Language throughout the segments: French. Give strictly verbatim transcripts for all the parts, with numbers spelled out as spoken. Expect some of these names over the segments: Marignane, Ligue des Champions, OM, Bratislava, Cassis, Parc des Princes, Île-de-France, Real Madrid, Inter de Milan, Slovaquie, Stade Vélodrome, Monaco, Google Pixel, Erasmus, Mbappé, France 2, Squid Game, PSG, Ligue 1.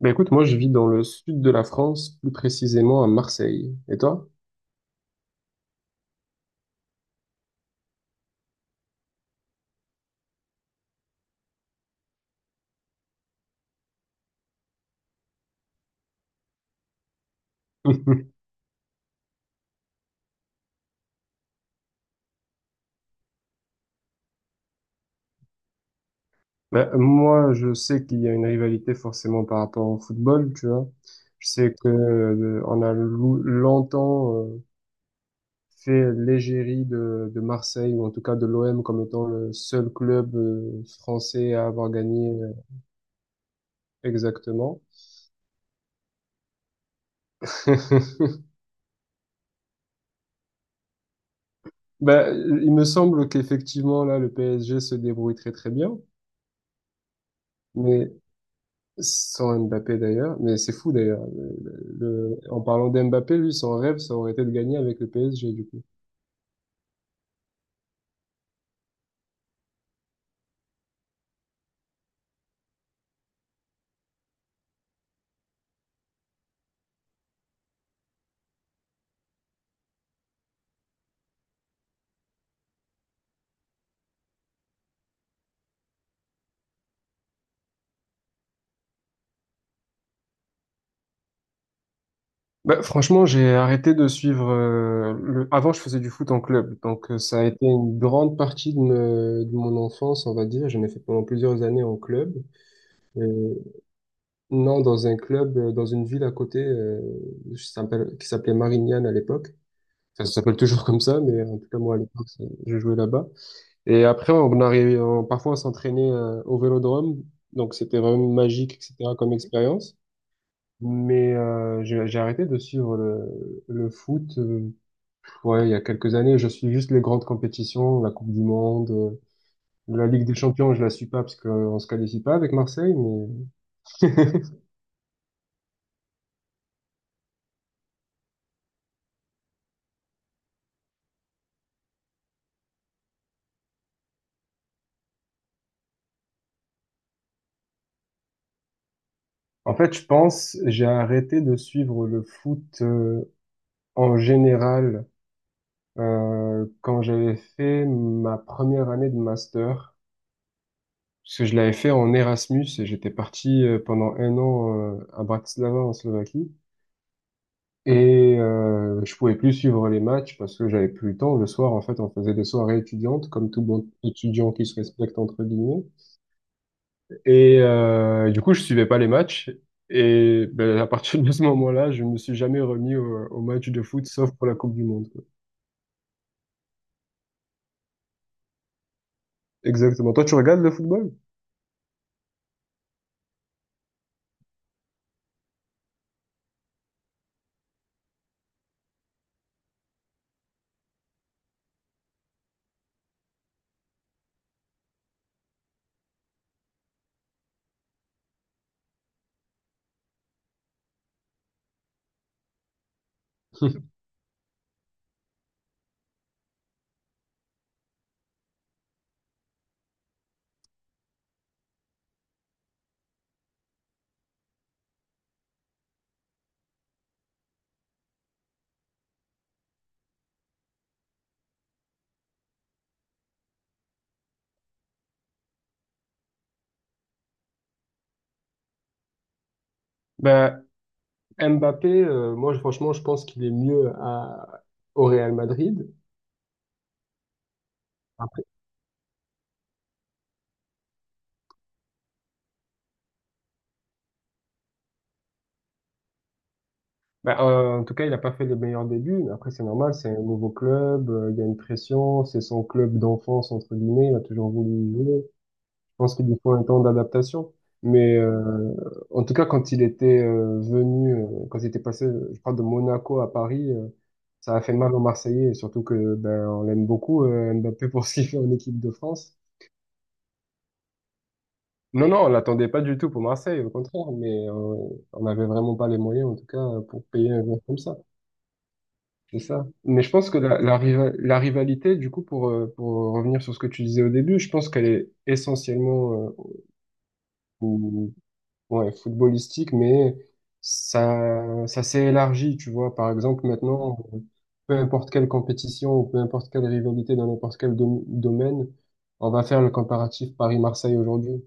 Ben écoute, moi je vis dans le sud de la France, plus précisément à Marseille. Et toi? Ben, moi, je sais qu'il y a une rivalité forcément par rapport au football, tu vois. Je sais que euh, on a lou- longtemps euh, fait l'égérie de, de Marseille, ou en tout cas de l'O M, comme étant le seul club euh, français à avoir gagné euh, Exactement. Ben, il me semble qu'effectivement, là, le P S G se débrouille très très bien. Mais Sans Mbappé d'ailleurs, mais c'est fou d'ailleurs. Le- le- en parlant d'Mbappé, lui, son rêve, ça aurait été de gagner avec le P S G du coup. Bah, franchement, j'ai arrêté de suivre. euh, le... Avant, je faisais du foot en club, donc euh, ça a été une grande partie de, me- de mon enfance, on va dire. J'en ai fait pendant plusieurs années en club. Euh, non, dans un club, euh, dans une ville à côté, euh, qui s'appelle- qui s'appelait Marignane à l'époque. Enfin, ça s'appelle toujours comme ça, mais en tout cas moi à l'époque, ça- je jouais là-bas. Et après, on arrivait, on- parfois on s'entraînait euh, au vélodrome, donc c'était vraiment magique, et cetera, comme expérience. Mais euh, j'ai j'ai arrêté de suivre le, le foot. Euh, ouais, il y a quelques années, je suis juste les grandes compétitions, la Coupe du Monde, euh, la Ligue des Champions, je la suis pas parce qu'on se qualifie pas avec Marseille. Mais, en fait, je pense, j'ai arrêté de suivre le foot euh, en général euh, quand j'avais fait ma première année de master. Parce que je l'avais fait en Erasmus et j'étais parti euh, pendant un an euh, à Bratislava en Slovaquie. Et euh, je pouvais plus suivre les matchs parce que j'avais plus le temps. Le soir, en fait, on faisait des soirées étudiantes, comme tout bon étudiant qui se respecte entre guillemets. Et euh, du coup, je suivais pas les matchs. Et ben, à partir de ce moment-là, je me suis jamais remis au, au match de foot, sauf pour la Coupe du Monde, quoi. Exactement. Toi, tu regardes le football? Bah, Mbappé, euh, moi je- franchement, je pense qu'il est mieux à, au Real Madrid. Après, bah, euh, en tout cas, il n'a pas fait les meilleurs débuts, mais après c'est normal, c'est un nouveau club, euh, il y a une pression, c'est son club d'enfance, entre guillemets, il a toujours voulu y jouer. Je pense qu'il lui faut un temps d'adaptation. Mais euh, en tout cas, quand il était euh, venu, euh, quand il était passé, euh, je crois, de Monaco à Paris, euh, ça a fait mal aux Marseillais, et surtout que ben, on l'aime beaucoup, euh, Mbappé, pour ce qu'il fait en équipe de France. Non, non, on l'attendait pas du tout pour Marseille, au contraire, mais euh, on n'avait vraiment pas les moyens, en tout cas, pour payer un joueur comme ça. C'est ça. Mais je pense que la, la, riva- la rivalité, du coup, pour, euh, pour revenir sur ce que tu disais au début, je pense qu'elle est essentiellement euh, ou- ouais, footballistique, mais ça, ça s'est élargi, tu vois. Par exemple, maintenant, euh, peu importe quelle compétition ou peu importe quelle rivalité dans n'importe quel dom- domaine, on va faire le comparatif Paris-Marseille aujourd'hui.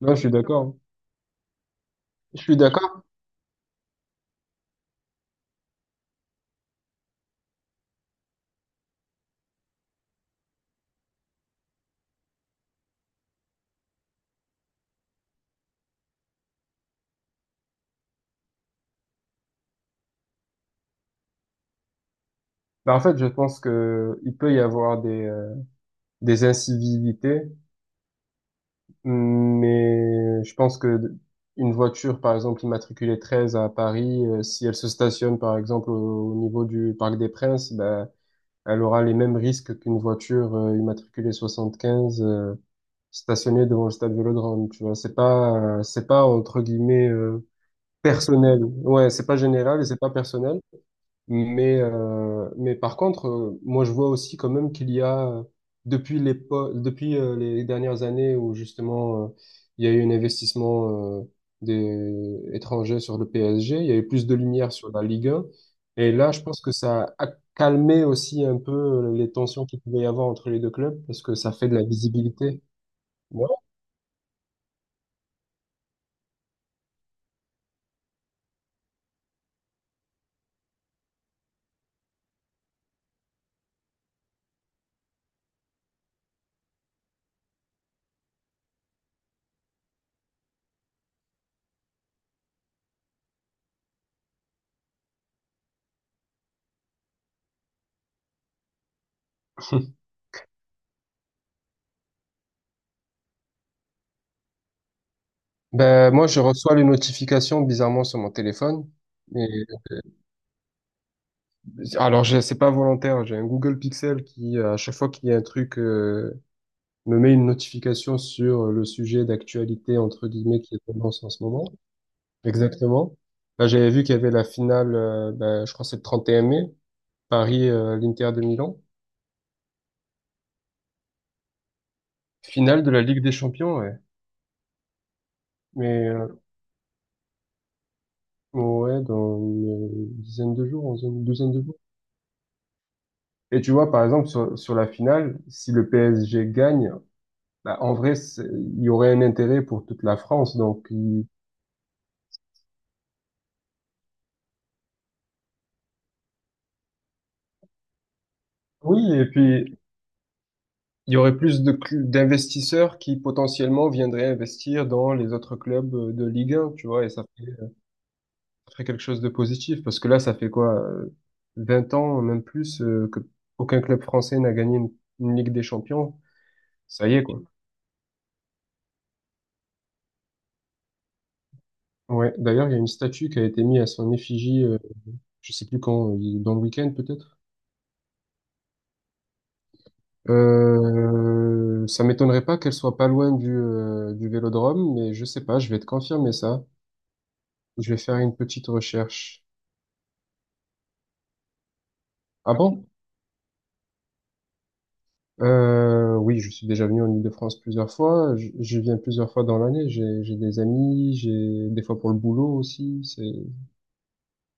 Non, je suis d'accord, hein. Je suis d'accord. Bah, en fait, je pense que il peut y avoir des, euh, des incivilités, mais je pense que une voiture, par exemple, immatriculée treize à Paris, euh, si elle se stationne, par exemple, au, au niveau du Parc des Princes, bah, elle aura les mêmes risques qu'une voiture euh, immatriculée soixante-quinze euh, stationnée devant le stade Vélodrome. Tu vois, c'est pas, euh, c'est pas entre guillemets euh, personnel. Ouais, c'est pas général et c'est pas personnel. Mais, euh, mais par contre, euh, moi je vois aussi quand même qu'il y a, euh, depuis les, po- depuis euh, les dernières années où justement euh, il y a eu un investissement euh, des étrangers sur le P S G, il y a eu plus de lumière sur la Ligue un. Et là, je pense que ça a calmé aussi un peu euh, les tensions qu'il pouvait y avoir entre les deux clubs parce que ça fait de la visibilité. Ouais. Ben, moi, je reçois les notifications bizarrement sur mon téléphone. Alors, je- c'est pas volontaire. J'ai un Google Pixel qui, euh, à chaque fois qu'il y a un truc, euh, me met une notification sur le sujet d'actualité, entre guillemets, qui est tendance en ce moment. Exactement. Là, j'avais vu qu'il y avait la finale, euh, ben, je crois que c'est le 31 mai, Paris, euh, l'Inter de Milan. Finale de la Ligue des Champions, ouais. Mais, euh, ouais, dans une dizaine de jours, dans une douzaine de jours. Et tu vois, par exemple, sur, sur la finale, si le P S G gagne, bah, en vrai, c'est- il y aurait un intérêt pour toute la France. Donc, il oui, et puis il y aurait plus de cl- d'investisseurs qui potentiellement viendraient investir dans les autres clubs euh, de Ligue un, tu vois, et ça fait, ça ferait quelque chose de positif, parce que là, ça fait quoi, euh, 20 ans, même plus, euh, que aucun club français n'a gagné une, une Ligue des Champions. Ça y est, quoi. Ouais, d'ailleurs, il y a une statue qui a été mise à son effigie, euh, je sais plus quand, il- dans le week-end peut-être. Euh, ça m'étonnerait pas qu'elle soit pas loin du, euh, du Vélodrome, mais je sais pas, je vais te confirmer ça. Je vais faire une petite recherche. Ah bon? Euh, oui, je suis déjà venu en Île-de-France plusieurs fois. Je, je viens plusieurs fois dans l'année. J'ai, j'ai des amis, j'ai des fois pour le boulot aussi. C'est,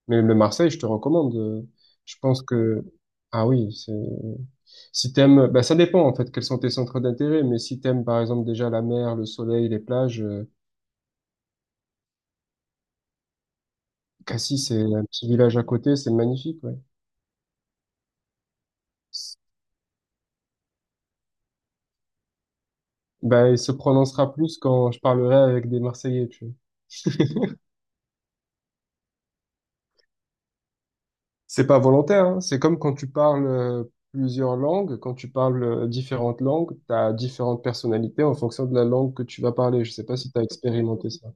mais, mais Marseille, je te recommande. Euh, Je pense que, ah oui, c'est, si t'aimes, bah, ça dépend, en fait, quels sont tes centres d'intérêt. Mais si t'aimes, par exemple, déjà la mer, le soleil, les plages, euh, Cassis, c'est un petit village à côté, c'est magnifique, ouais. Bah, il se prononcera plus quand je parlerai avec des Marseillais, tu vois. C'est pas volontaire, hein. C'est comme quand tu parles euh, plusieurs langues, quand tu parles euh, différentes langues, tu as différentes personnalités en fonction de la langue que tu vas parler. Je sais pas si tu as expérimenté ça.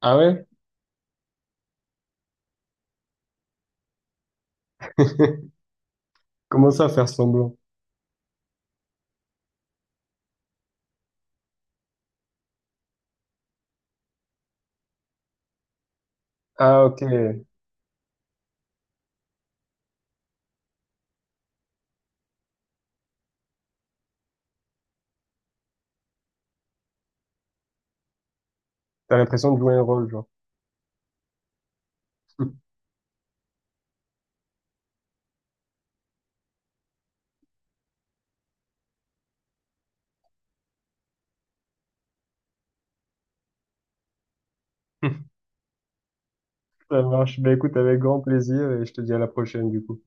Ah ouais? Comment ça, faire semblant? Ah ok, t'as l'impression de jouer un rôle, genre. Ça marche. Ben écoute, avec grand plaisir et je te dis à la prochaine, du coup.